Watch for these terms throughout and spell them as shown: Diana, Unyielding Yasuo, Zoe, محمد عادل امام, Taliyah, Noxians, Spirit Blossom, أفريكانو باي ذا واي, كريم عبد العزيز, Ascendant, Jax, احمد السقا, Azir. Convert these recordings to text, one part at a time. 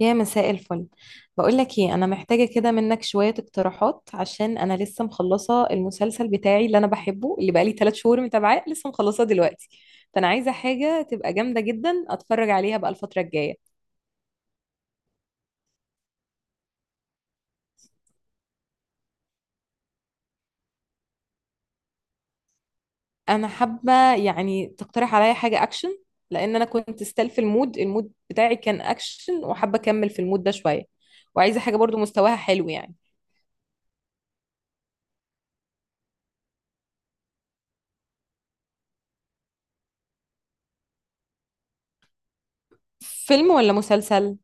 يا مساء الفل. بقول لك ايه، انا محتاجه كده منك شويه اقتراحات، عشان انا لسه مخلصه المسلسل بتاعي اللي انا بحبه، اللي بقالي 3 شهور متابعاه لسه مخلصاه دلوقتي. فانا عايزه حاجه تبقى جامده جدا اتفرج عليها بقى الفتره الجايه. انا حابه يعني تقترح عليا حاجه اكشن، لان انا كنت ستيل في المود بتاعي كان اكشن، وحابه اكمل في المود ده شويه. وعايزه حاجه برضو مستواها حلو يعني. فيلم ولا مسلسل؟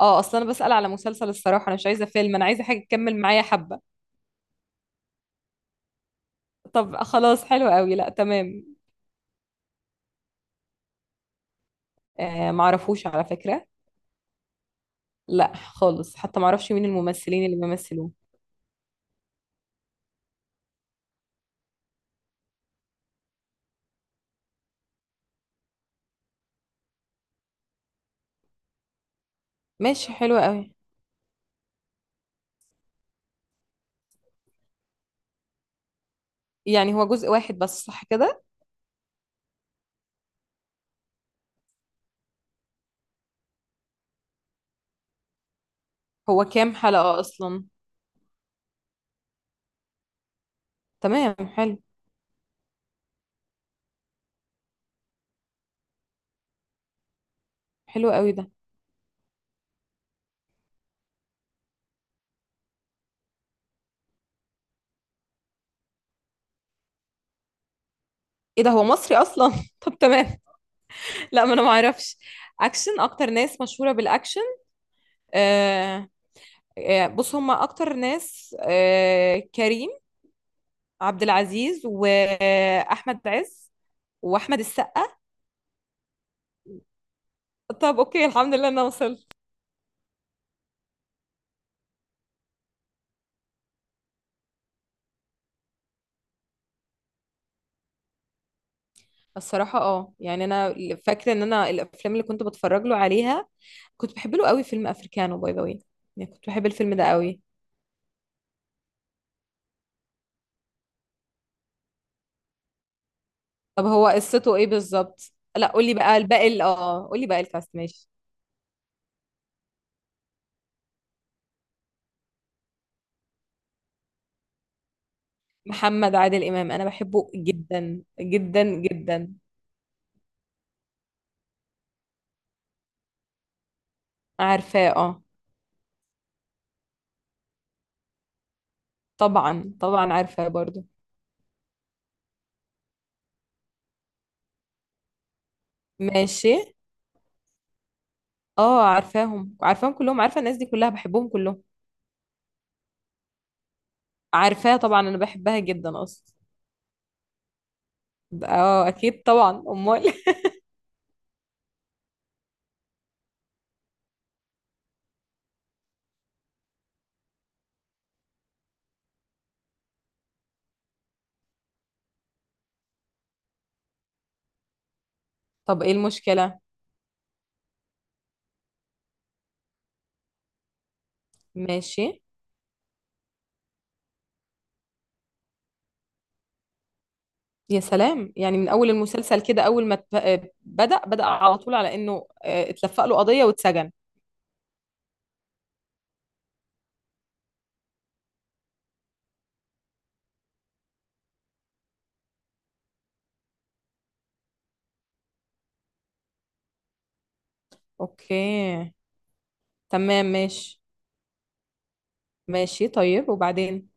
اه، اصلا انا بسأل على مسلسل. الصراحه انا مش عايزه فيلم، انا عايزه حاجه تكمل معايا حبه. طب خلاص، حلو قوي، لا تمام. آه، معرفوش على فكرة. لا خالص، حتى معرفش مين الممثلين اللي بيمثلوه. ماشي، حلو قوي. يعني هو جزء واحد بس، صح كده؟ هو كام حلقة اصلا؟ تمام، حلو. حلو قوي ده. ايه ده، هو مصري اصلا؟ طب تمام. لا، ما انا معرفش. اكشن؟ اكتر ناس مشهورة بالاكشن؟ آه. بص هما اكتر ناس، كريم عبد العزيز واحمد عز واحمد السقا. طب اوكي، الحمد لله انا وصلت. الصراحة يعني انا فاكرة ان انا الافلام اللي كنت بتفرج له عليها، كنت بحب له قوي فيلم افريكانو باي ذا واي. يعني كنت بحب الفيلم ده قوي. طب هو قصته ايه بالظبط؟ لا قولي بقى الباقي، قولي بقى الكاست، ماشي. محمد عادل امام انا بحبه جدا جدا جدا. عارفاه اه. طبعا طبعا عارفاه برضو. ماشي. اه، عارفاهم عارفاهم كلهم، عارفة الناس دي كلها بحبهم كلهم. عارفاها طبعا، انا بحبها جدا اصلا. اه اكيد، طبعا امال. طب ايه المشكلة؟ ماشي. يا سلام، يعني من اول المسلسل كده اول ما بدأ على طول، على انه اتلفق له قضية واتسجن. اوكي. تمام ماشي. ماشي طيب، وبعدين؟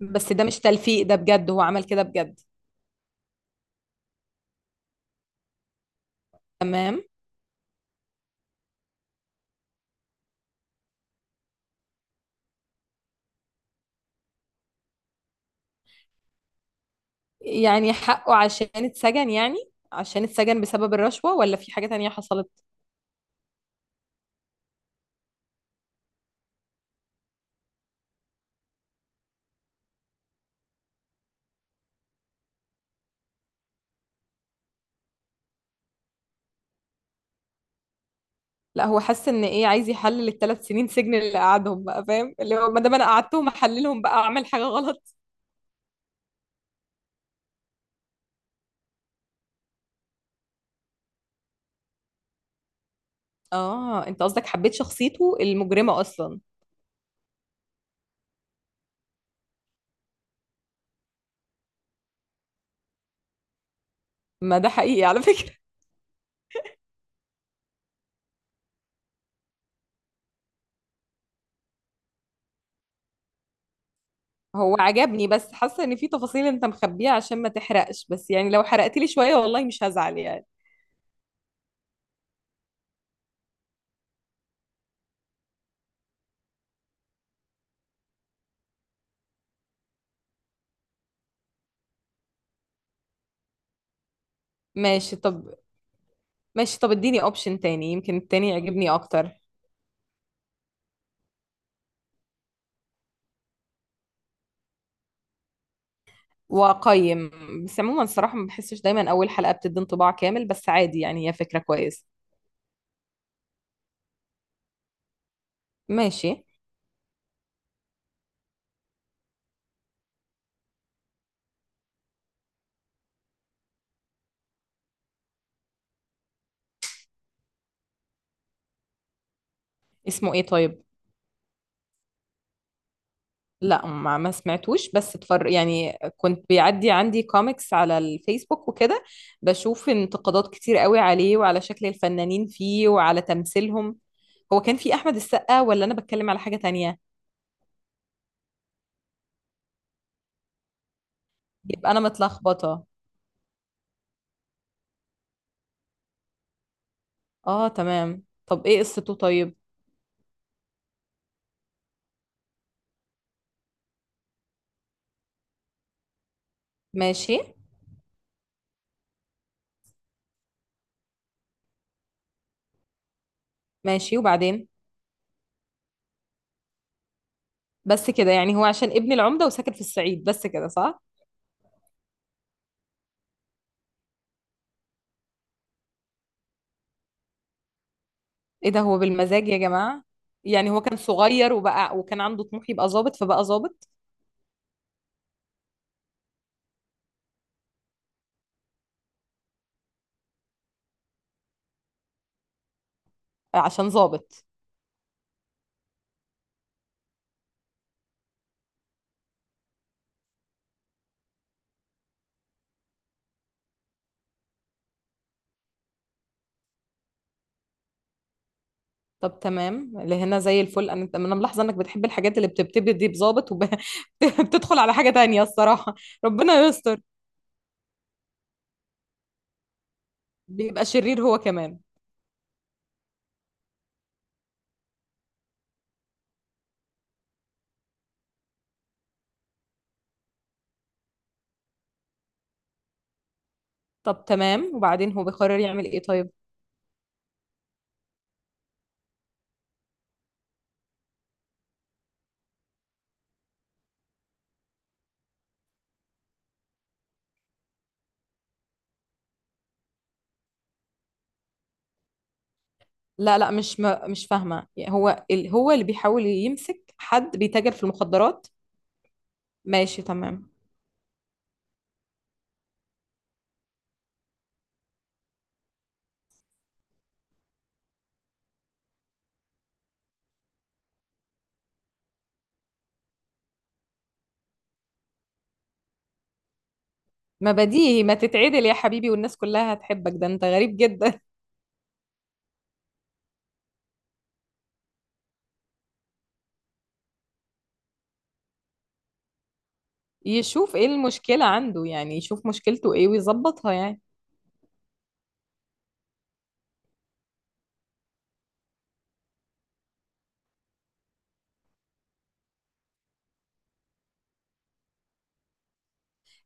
بس ده مش تلفيق، ده بجد هو عمل كده بجد. تمام. يعني حقه عشان اتسجن يعني؟ عشان اتسجن بسبب الرشوة، ولا في حاجة تانية حصلت؟ لا، هو حس ان ايه، عايز يحلل ال3 سنين سجن اللي قعدهم، بقى فاهم، اللي هو ما دام انا قعدتهم احللهم، بقى اعمل حاجة غلط. اه انت قصدك حبيت شخصيته المجرمة اصلا؟ ما ده حقيقي على فكرة. هو عجبني، بس حاسه ان في تفاصيل انت مخبيها عشان ما تحرقش، بس يعني لو حرقت لي شويه والله مش هزعل يعني. ماشي طب. ماشي طب، اديني اوبشن تاني، يمكن التاني يعجبني اكتر. واقيم. بس عموما الصراحه ما بحسش دايما اول حلقه بتدي انطباع كامل، بس عادي يعني، هي فكره كويسه. ماشي. اسمه ايه طيب؟ لا، ما سمعتوش، بس اتفر يعني كنت بيعدي عندي كوميكس على الفيسبوك وكده، بشوف انتقادات كتير قوي عليه وعلى شكل الفنانين فيه وعلى تمثيلهم. هو كان في احمد السقا، ولا انا بتكلم على حاجة تانية؟ يبقى انا متلخبطة. اه تمام، طب ايه قصته طيب؟ ماشي. ماشي، وبعدين؟ بس كده يعني، هو عشان ابن العمدة وساكن في الصعيد بس كده، صح؟ ايه ده، هو بالمزاج يا جماعة؟ يعني هو كان صغير وبقى وكان عنده طموح يبقى ظابط، فبقى ظابط. عشان ظابط. طب تمام اللي هنا زي الفل. انا ملاحظه انك بتحب الحاجات اللي بتبتدي دي بظابط وبتدخل على حاجه تانية الصراحه. ربنا يستر. بيبقى شرير هو كمان؟ طب تمام، وبعدين؟ هو بيقرر يعمل ايه طيب؟ لا لا، مش فاهمه يعني، هو اللي بيحاول يمسك حد بيتاجر في المخدرات؟ ماشي تمام. ما بديهي ما تتعدل يا حبيبي والناس كلها هتحبك، ده انت غريب جدا. يشوف ايه المشكله عنده يعني، يشوف مشكلته ايه ويظبطها يعني.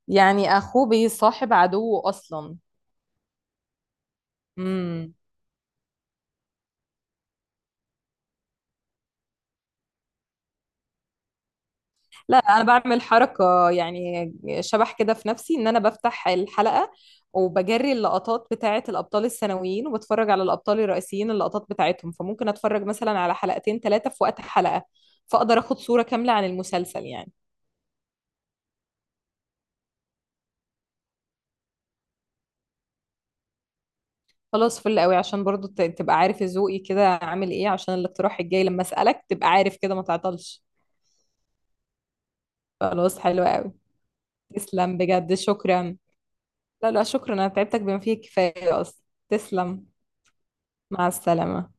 يعني اخوه بيصاحب عدوه اصلا؟ امم. لا، انا بعمل حركه يعني، شبح كده في نفسي، ان انا بفتح الحلقه وبجري اللقطات بتاعه الابطال الثانويين وبتفرج على الابطال الرئيسيين اللقطات بتاعتهم، فممكن اتفرج مثلا على حلقتين ثلاثه في وقت حلقه، فاقدر اخد صوره كامله عن المسلسل يعني. خلاص فل قوي، عشان برضو تبقى عارف ذوقي كده عامل ايه، عشان الاقتراح الجاي لما اسالك تبقى عارف كده، ما تعطلش. خلاص، حلو قوي. تسلم بجد، شكرا. لا لا شكرا، انا تعبتك بما فيه الكفايه اصلا. تسلم. مع السلامه.